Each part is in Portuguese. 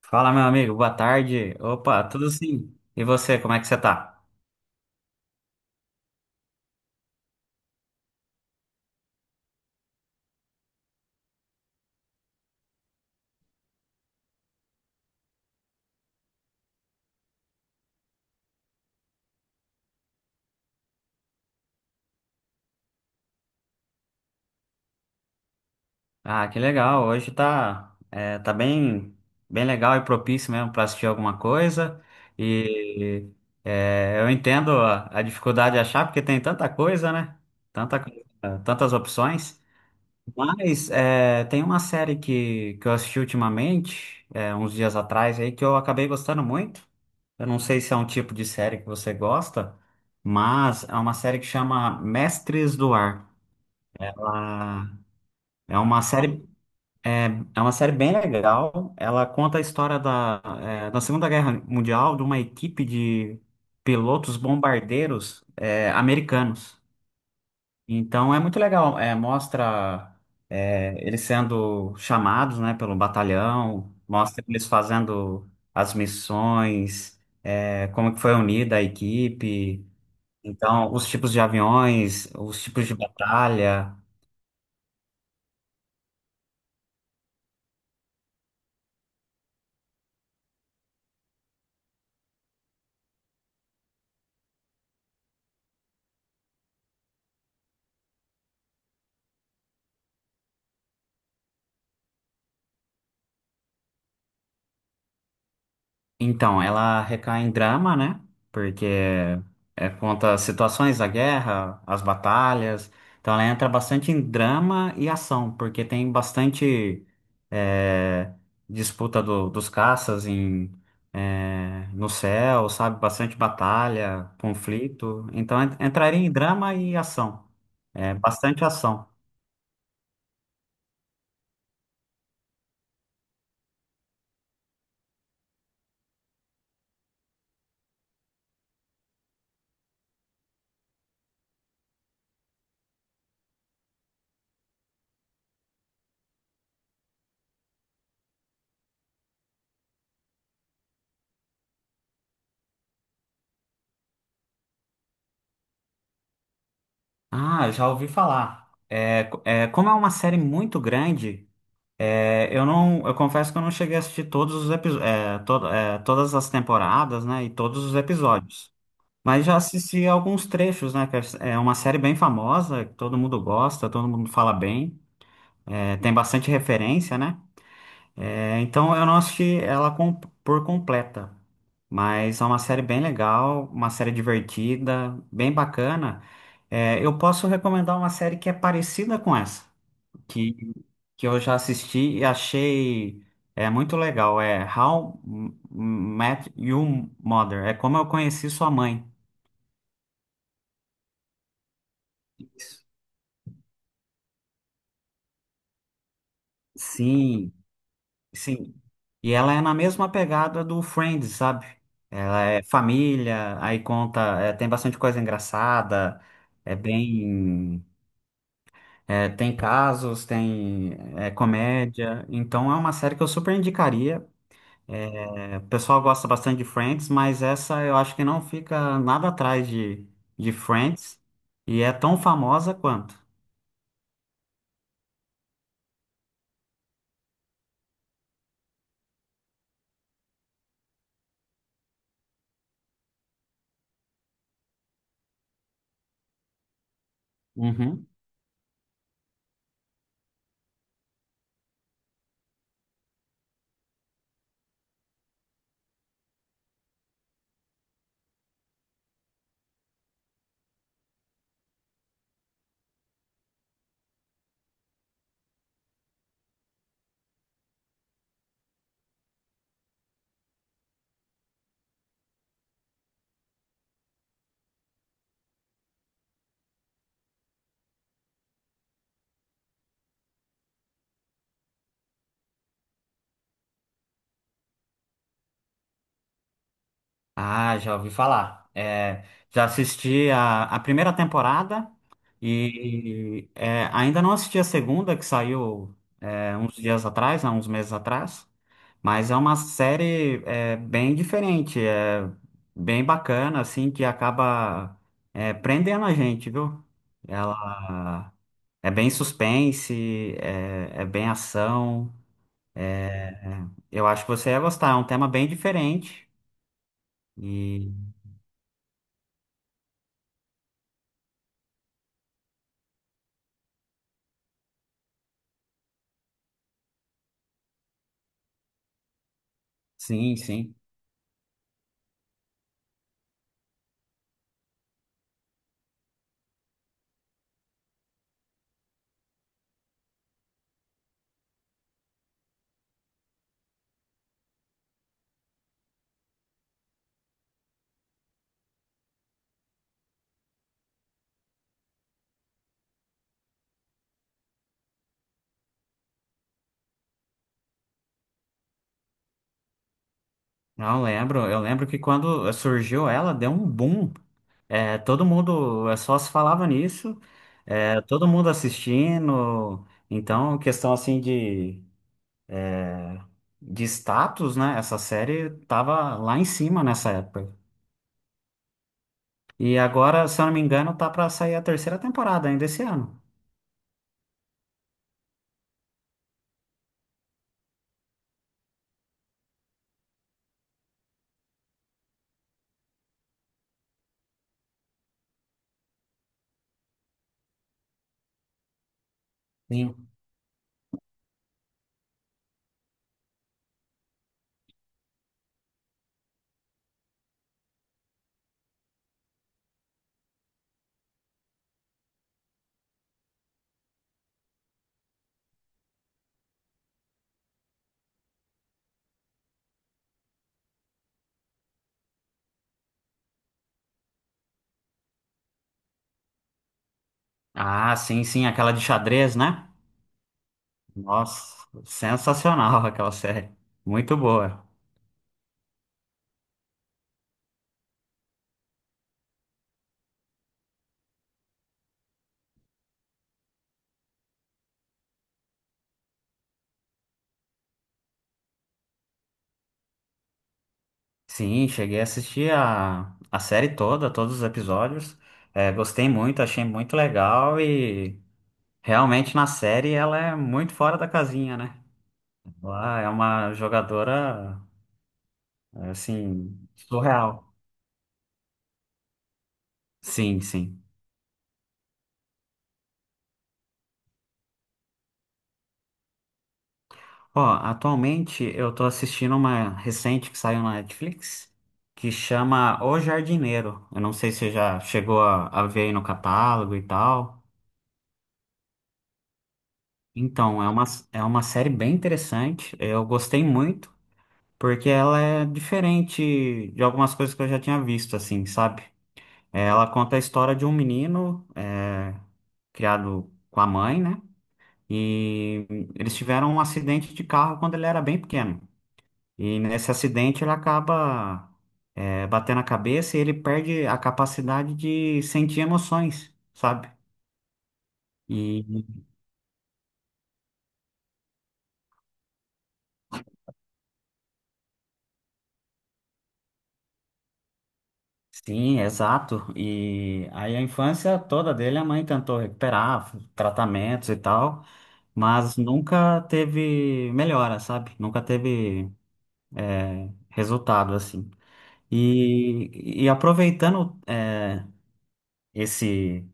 Fala, meu amigo, boa tarde. Opa, tudo sim. E você, como é que você tá? Ah, que legal. Hoje tá, tá bem, bem legal e propício mesmo para assistir alguma coisa. E eu entendo a dificuldade de achar, porque tem tanta coisa, né? Tanta coisa, tantas opções. Tem uma série que eu assisti ultimamente, uns dias atrás aí, que eu acabei gostando muito. Eu não sei se é um tipo de série que você gosta, mas é uma série que chama Mestres do Ar. Ela é uma série, é, É uma série bem legal. Ela conta a história da Segunda Guerra Mundial, de uma equipe de pilotos bombardeiros, americanos. Então é muito legal, mostra eles sendo chamados, né, pelo batalhão, mostra eles fazendo as missões, como que foi unida a equipe, então os tipos de aviões, os tipos de batalha. Então, ela recai em drama, né? Porque conta as situações da guerra, as batalhas. Então, ela entra bastante em drama e ação, porque tem bastante é, disputa dos caças em, no céu, sabe? Bastante batalha, conflito. Então, entraria em drama e ação. É bastante ação. Ah, já ouvi falar. É, como é uma série muito grande. É, eu confesso que eu não cheguei a assistir todos os episódios, todas as temporadas, né, e todos os episódios. Mas já assisti alguns trechos, né? que É é uma série bem famosa, que todo mundo gosta, todo mundo fala bem, é, tem bastante referência, né? É, então eu não assisti ela por completa, mas é uma série bem legal, uma série divertida, bem bacana. É, eu posso recomendar uma série que é parecida com essa que, que eu já assisti e achei muito legal. É Met Your Mother. É como eu conheci sua mãe. Sim, sim. E ela é na mesma pegada do Friends, sabe? Ela é família, aí conta, é, tem bastante coisa engraçada, é bem, é, tem casos, tem, é, comédia. Então é uma série que eu super indicaria. É, o pessoal gosta bastante de Friends, mas essa eu acho que não fica nada atrás de Friends e é tão famosa quanto. Uhum. Ah, já ouvi falar. É, já assisti a primeira temporada e é, ainda não assisti a segunda, que saiu uns dias atrás, há uns meses atrás. Mas é uma série bem diferente, é bem bacana, assim, que acaba prendendo a gente, viu? Ela. É bem suspense, é bem ação. Eu acho que você ia gostar, é um tema bem diferente. E sim, sim. Não, eu lembro. Eu lembro que quando surgiu ela, deu um boom. É, todo mundo só se falava nisso, é, todo mundo assistindo. Então, questão assim de status, né? Essa série tava lá em cima nessa época. E agora, se eu não me engano, tá pra sair a terceira temporada ainda esse ano. Sim. Ah, sim, sim, aquela de xadrez, né? Nossa, sensacional aquela série. Muito boa. Sim, cheguei a assistir a série toda, todos os episódios. É, gostei muito, achei muito legal e realmente na série ela é muito fora da casinha, né? Ela é uma jogadora, assim, surreal. Sim, sim. Ó, atualmente eu tô assistindo uma recente que saiu na Netflix que chama O Jardineiro. Eu não sei se você já chegou a ver aí no catálogo e tal. Então, é uma, É uma série bem interessante. Eu gostei muito, porque ela é diferente de algumas coisas que eu já tinha visto, assim, sabe? É, ela conta a história de um menino criado com a mãe, né? E eles tiveram um acidente de carro quando ele era bem pequeno. E nesse acidente ele acaba batendo a cabeça e ele perde a capacidade de sentir emoções, sabe? Sim, exato. E aí a infância toda dele a mãe tentou recuperar, tratamentos e tal, mas nunca teve melhora, sabe? Nunca teve resultado assim. E aproveitando esse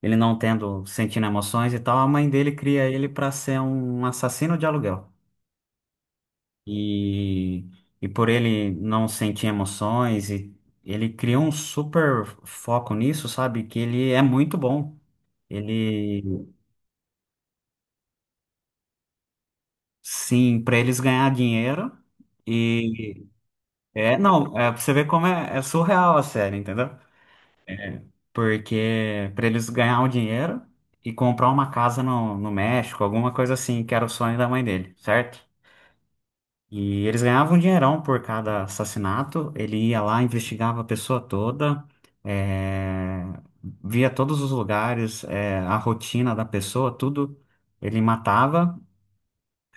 ele não tendo sentindo emoções e tal, a mãe dele cria ele para ser um assassino de aluguel. E, e por ele não sentir emoções e ele cria um super foco nisso, sabe? Que ele é muito bom. Ele, sim, para eles ganhar dinheiro e é, não, é pra você ver como é surreal a série, entendeu? Porque para eles ganhar o dinheiro e comprar uma casa no, no México, alguma coisa assim, que era o sonho da mãe dele, certo? E eles ganhavam um dinheirão por cada assassinato. Ele ia lá, investigava a pessoa toda, é, via todos os lugares, é, a rotina da pessoa, tudo. Ele matava.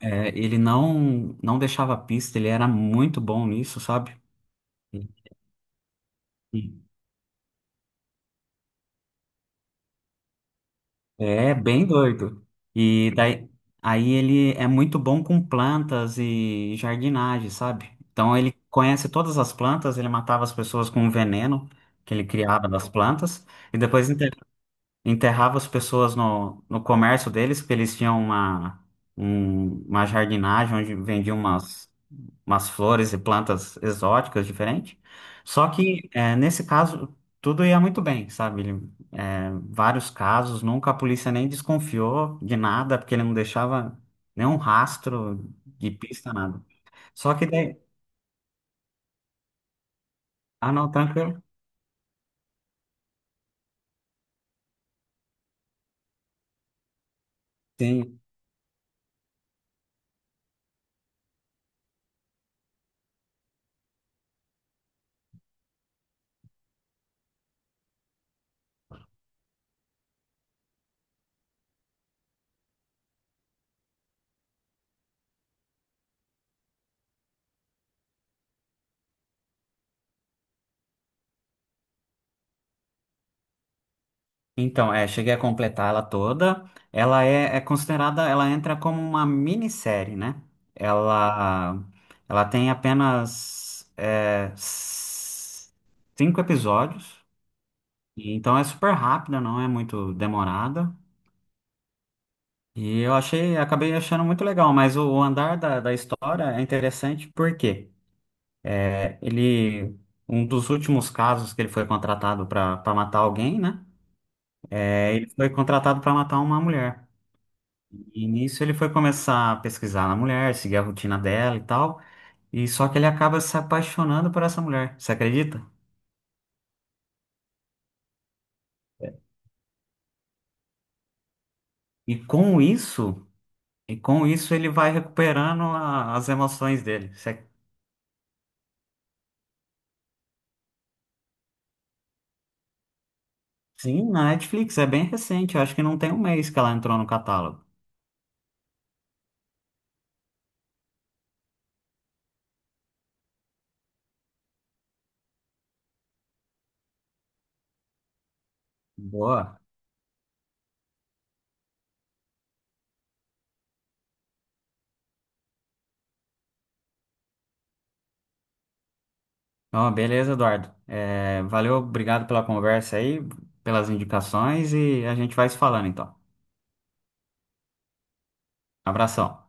É, ele não deixava pista, ele era muito bom nisso, sabe? Sim. É bem doido. E daí aí ele é muito bom com plantas e jardinagem, sabe? Então ele conhece todas as plantas, ele matava as pessoas com um veneno que ele criava das plantas e depois enterrava as pessoas no, no comércio deles, porque eles tinham uma, uma jardinagem onde vendiam umas, umas flores e plantas exóticas diferentes. Só que, é, nesse caso, tudo ia muito bem, sabe? Ele, é, vários casos, nunca a polícia nem desconfiou de nada, porque ele não deixava nenhum rastro de pista, nada. Só que daí... Ah, não, tranquilo. Sim. Então, é, cheguei a completar ela toda. É considerada, ela entra como uma minissérie, né? Ela, Ela tem apenas 5 episódios, e então é super rápida, não é muito demorada. E eu achei, acabei achando muito legal, mas o andar da história é interessante porque ele, um dos últimos casos que ele foi contratado para matar alguém, né? É, ele foi contratado para matar uma mulher. E nisso ele foi começar a pesquisar na mulher, seguir a rotina dela e tal. E só que ele acaba se apaixonando por essa mulher, você acredita? E com isso, e com isso ele vai recuperando as emoções dele. Você- Sim, na Netflix, é bem recente, eu acho que não tem um mês que ela entrou no catálogo. Boa. Ó, beleza, Eduardo. É, valeu, obrigado pela conversa aí, pelas indicações e a gente vai se falando então. Abração.